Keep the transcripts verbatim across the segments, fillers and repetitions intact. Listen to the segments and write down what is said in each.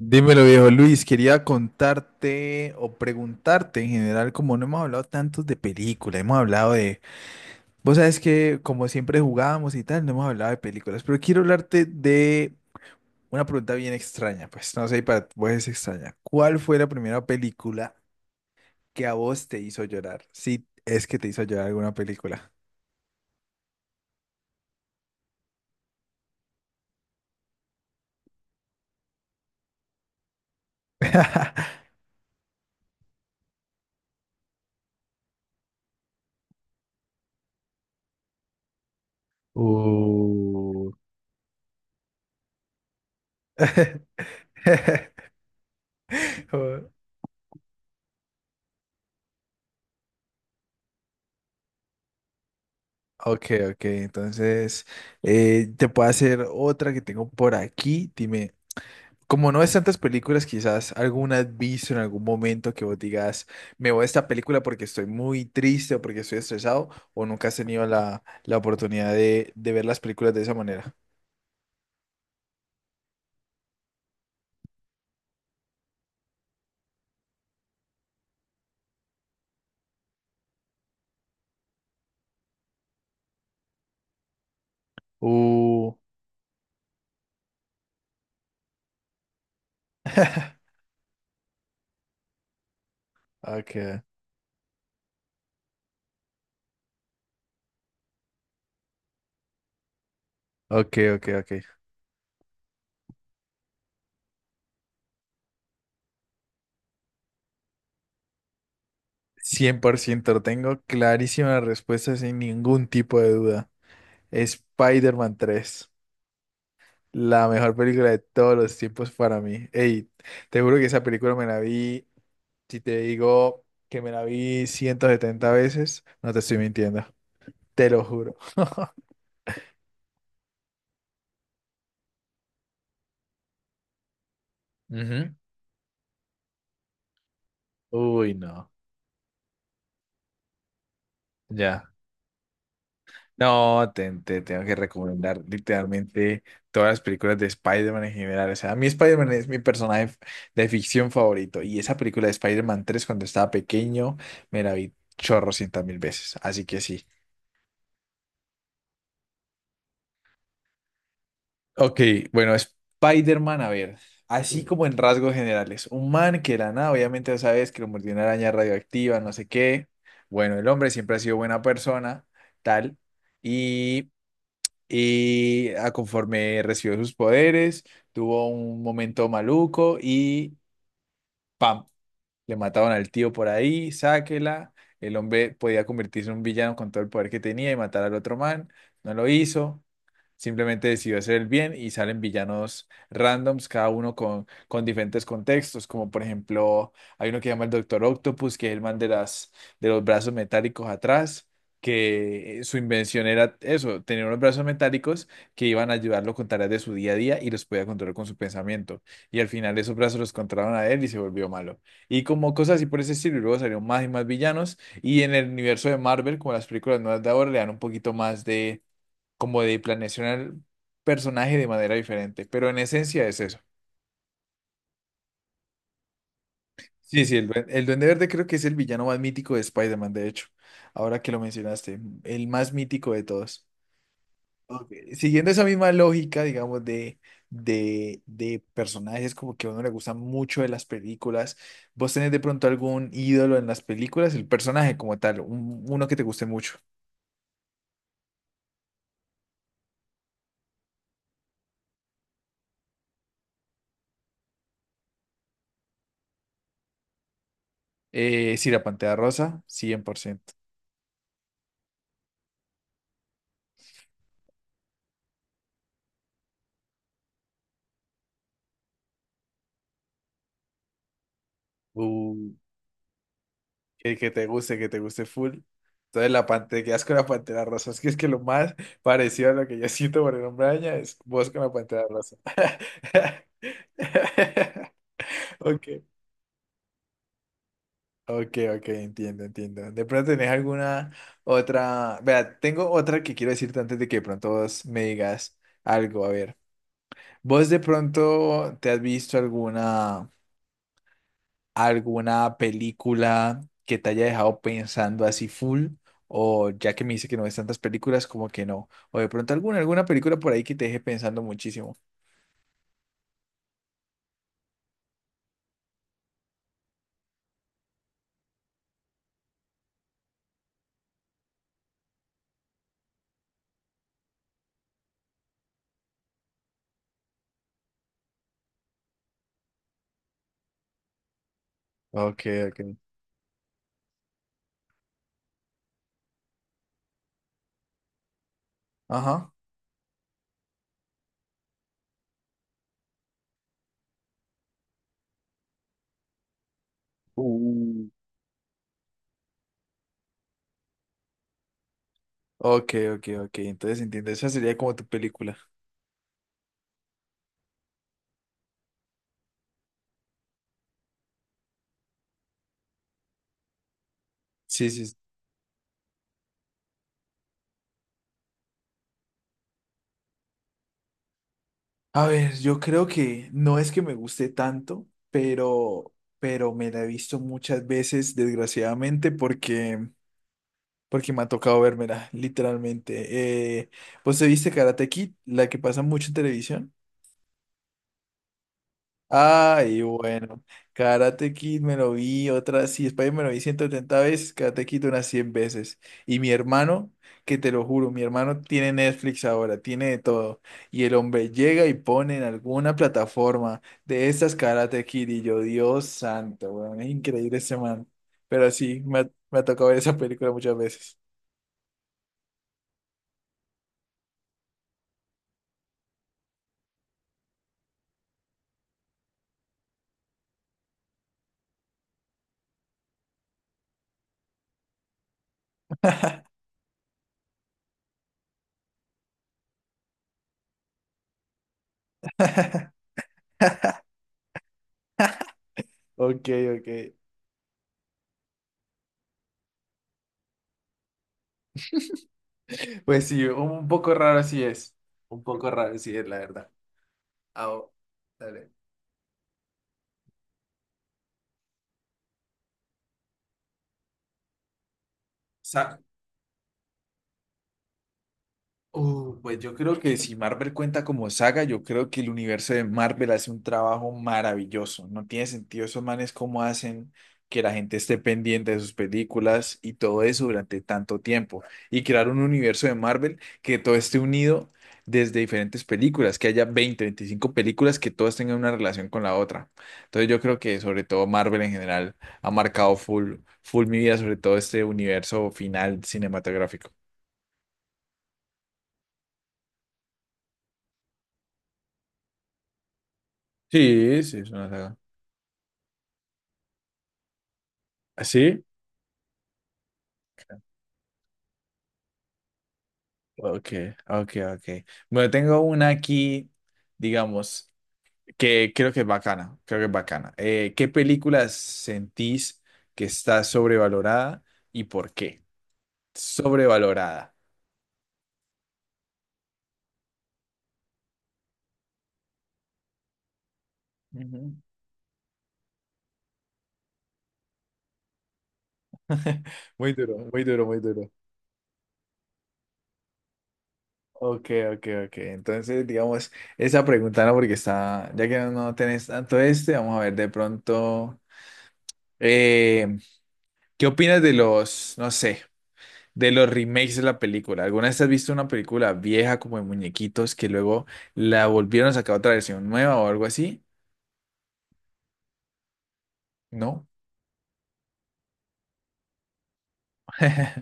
Dímelo, viejo Luis, quería contarte o preguntarte en general, como no hemos hablado tantos de películas, hemos hablado de, vos sabes que como siempre jugábamos y tal, no hemos hablado de películas, pero quiero hablarte de una pregunta bien extraña, pues no sé, para vos es extraña. ¿Cuál fue la primera película que a vos te hizo llorar? Si es que te hizo llorar alguna película. Uh, Ok, ok, entonces eh, te puedo hacer otra que tengo por aquí. Dime, como no ves tantas películas, quizás alguna has visto en algún momento que vos digas, me voy a esta película porque estoy muy triste o porque estoy estresado, o nunca has tenido la, la oportunidad de, de ver las películas de esa manera. Uh, ok, ok, ok, ok. Cien por ciento lo tengo clarísima la respuesta sin ningún tipo de duda. Spider-Man tres. La mejor película de todos los tiempos para mí. Ey, te juro que esa película me la vi, si te digo que me la vi ciento setenta veces, no te estoy mintiendo. Te lo juro. Ujú. Uy, no. Ya. No, te, te tengo que recomendar literalmente todas las películas de Spider-Man en general. O sea, a mí Spider-Man es mi personaje f- de ficción favorito. Y esa película de Spider-Man tres cuando estaba pequeño, me la vi chorrocientas mil veces. Así que sí. Ok, bueno, Spider-Man, a ver, así como en rasgos generales, un man que era nada, obviamente ya sabes que lo mordió una araña radioactiva, no sé qué, bueno, el hombre siempre ha sido buena persona, tal, y, y a conforme recibió sus poderes, tuvo un momento maluco y ¡pam! Le mataban al tío por ahí, sáquela, el hombre podía convertirse en un villano con todo el poder que tenía y matar al otro man, no lo hizo. Simplemente decidió hacer el bien y salen villanos randoms, cada uno con, con diferentes contextos, como por ejemplo, hay uno que llama el Doctor Octopus, que es el man de las, de los brazos metálicos atrás, que eh, su invención era eso, tener unos brazos metálicos que iban a ayudarlo con tareas de su día a día y los podía controlar con su pensamiento. Y al final esos brazos los controlaron a él y se volvió malo. Y como cosas así por ese estilo, y luego salieron más y más villanos. Y en el universo de Marvel, como las películas nuevas de ahora, le dan un poquito más de como de planeación al personaje de manera diferente, pero en esencia es eso. Sí, sí, el, duen- el Duende Verde creo que es el villano más mítico de Spider-Man, de hecho, ahora que lo mencionaste, el más mítico de todos. Eh, Siguiendo esa misma lógica, digamos, de, de, de personajes como que a uno le gustan mucho de las películas, ¿vos tenés de pronto algún ídolo en las películas, el personaje como tal, un- uno que te guste mucho? Eh, sí, la Pantera Rosa, cien por ciento. Que, que te guste, que te guste full. Entonces la pantera, quedas con la pantera rosa. Es que es que lo más parecido a lo que yo siento por el hombre araña es vos con la pantera rosa. Ok, ok, ok, entiendo, entiendo. De pronto tenés alguna otra. Vea, tengo otra que quiero decirte antes de que de pronto vos me digas algo. A ver, vos de pronto te has visto alguna. Alguna película que te haya dejado pensando así full, o ya que me dice que no ves tantas películas, como que no, o de pronto alguna, alguna película por ahí que te deje pensando muchísimo. Ok, ok. Ajá. Uh, ok, ok, ok. Entonces entiendo, esa sería como tu película. Sí, sí. Sí. A ver, yo creo que no es que me guste tanto, pero, pero me la he visto muchas veces, desgraciadamente, porque porque me ha tocado vérmela, literalmente. Eh, ¿vos te viste Karate Kid, la que pasa mucho en televisión? Ay, bueno, Karate Kid me lo vi otra, sí, Spider me lo vi ciento setenta veces, Karate Kid unas cien veces. Y mi hermano, que te lo juro, mi hermano tiene Netflix ahora, tiene de todo. Y el hombre llega y pone en alguna plataforma de estas Karate Kid y yo, Dios santo, weón, es increíble ese man. Pero sí, me ha, me ha tocado ver esa película muchas veces. Ok, ok. Pues sí, un un poco raro así es. Un poco raro así es, la verdad. Ah, oh, dale. Uh, pues yo creo que si Marvel cuenta como saga, yo creo que el universo de Marvel hace un trabajo maravilloso. No tiene sentido esos manes cómo hacen que la gente esté pendiente de sus películas y todo eso durante tanto tiempo. Y crear un universo de Marvel que todo esté unido desde diferentes películas, que haya veinte, veinticinco películas que todas tengan una relación con la otra. Entonces yo creo que sobre todo Marvel en general ha marcado full, full mi vida, sobre todo este universo final cinematográfico. Sí, sí, es una saga. ¿Sí? Ok, ok, ok. Bueno, tengo una aquí, digamos, que creo que es bacana, creo que es bacana. Eh, ¿qué película sentís que está sobrevalorada y por qué? Sobrevalorada. Ujú. Muy duro, muy duro, muy duro. Ok, ok, ok. Entonces, digamos, esa pregunta no, porque está, ya que no tenés tanto este, vamos a ver de pronto, eh, ¿qué opinas de los, no sé? De los remakes de la película. ¿Alguna vez has visto una película vieja como de muñequitos que luego la volvieron a sacar otra versión nueva o algo así? No.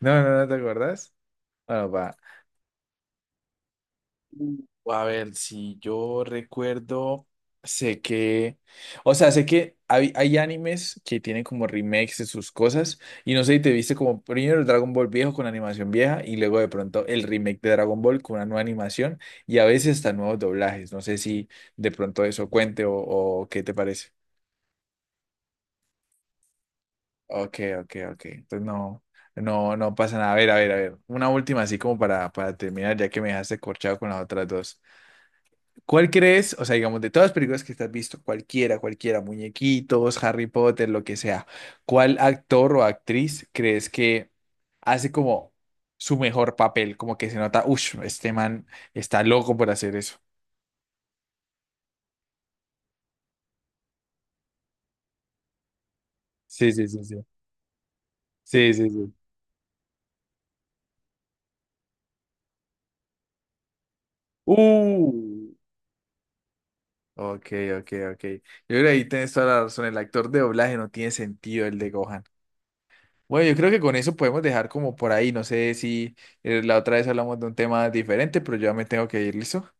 No, no, no te acuerdas. Bueno, va. Uh, A ver, si yo recuerdo, sé que, o sea, sé que hay, hay animes que tienen como remakes de sus cosas y no sé si te viste como primero el Dragon Ball viejo con animación vieja y luego de pronto el remake de Dragon Ball con una nueva animación y a veces hasta nuevos doblajes. No sé si de pronto eso cuente o, o qué te parece. Ok, ok, ok. Entonces no, no, no pasa nada. A ver, a ver, a ver. Una última así como para, para terminar, ya que me dejaste corchado con las otras dos. ¿Cuál crees? O sea, digamos, de todas las películas que te has visto, cualquiera, cualquiera, muñequitos, Harry Potter, lo que sea, ¿cuál actor o actriz crees que hace como su mejor papel? Como que se nota, uff, este man está loco por hacer eso. Sí, sí, sí, sí. Sí, sí, sí. Uh. Ok, ok, ok. Yo creo que ahí tienes toda la razón. El actor de doblaje no tiene sentido el de Gohan. Bueno, yo creo que con eso podemos dejar como por ahí. No sé si eh, la otra vez hablamos de un tema diferente, pero yo ya me tengo que ir, ¿listo?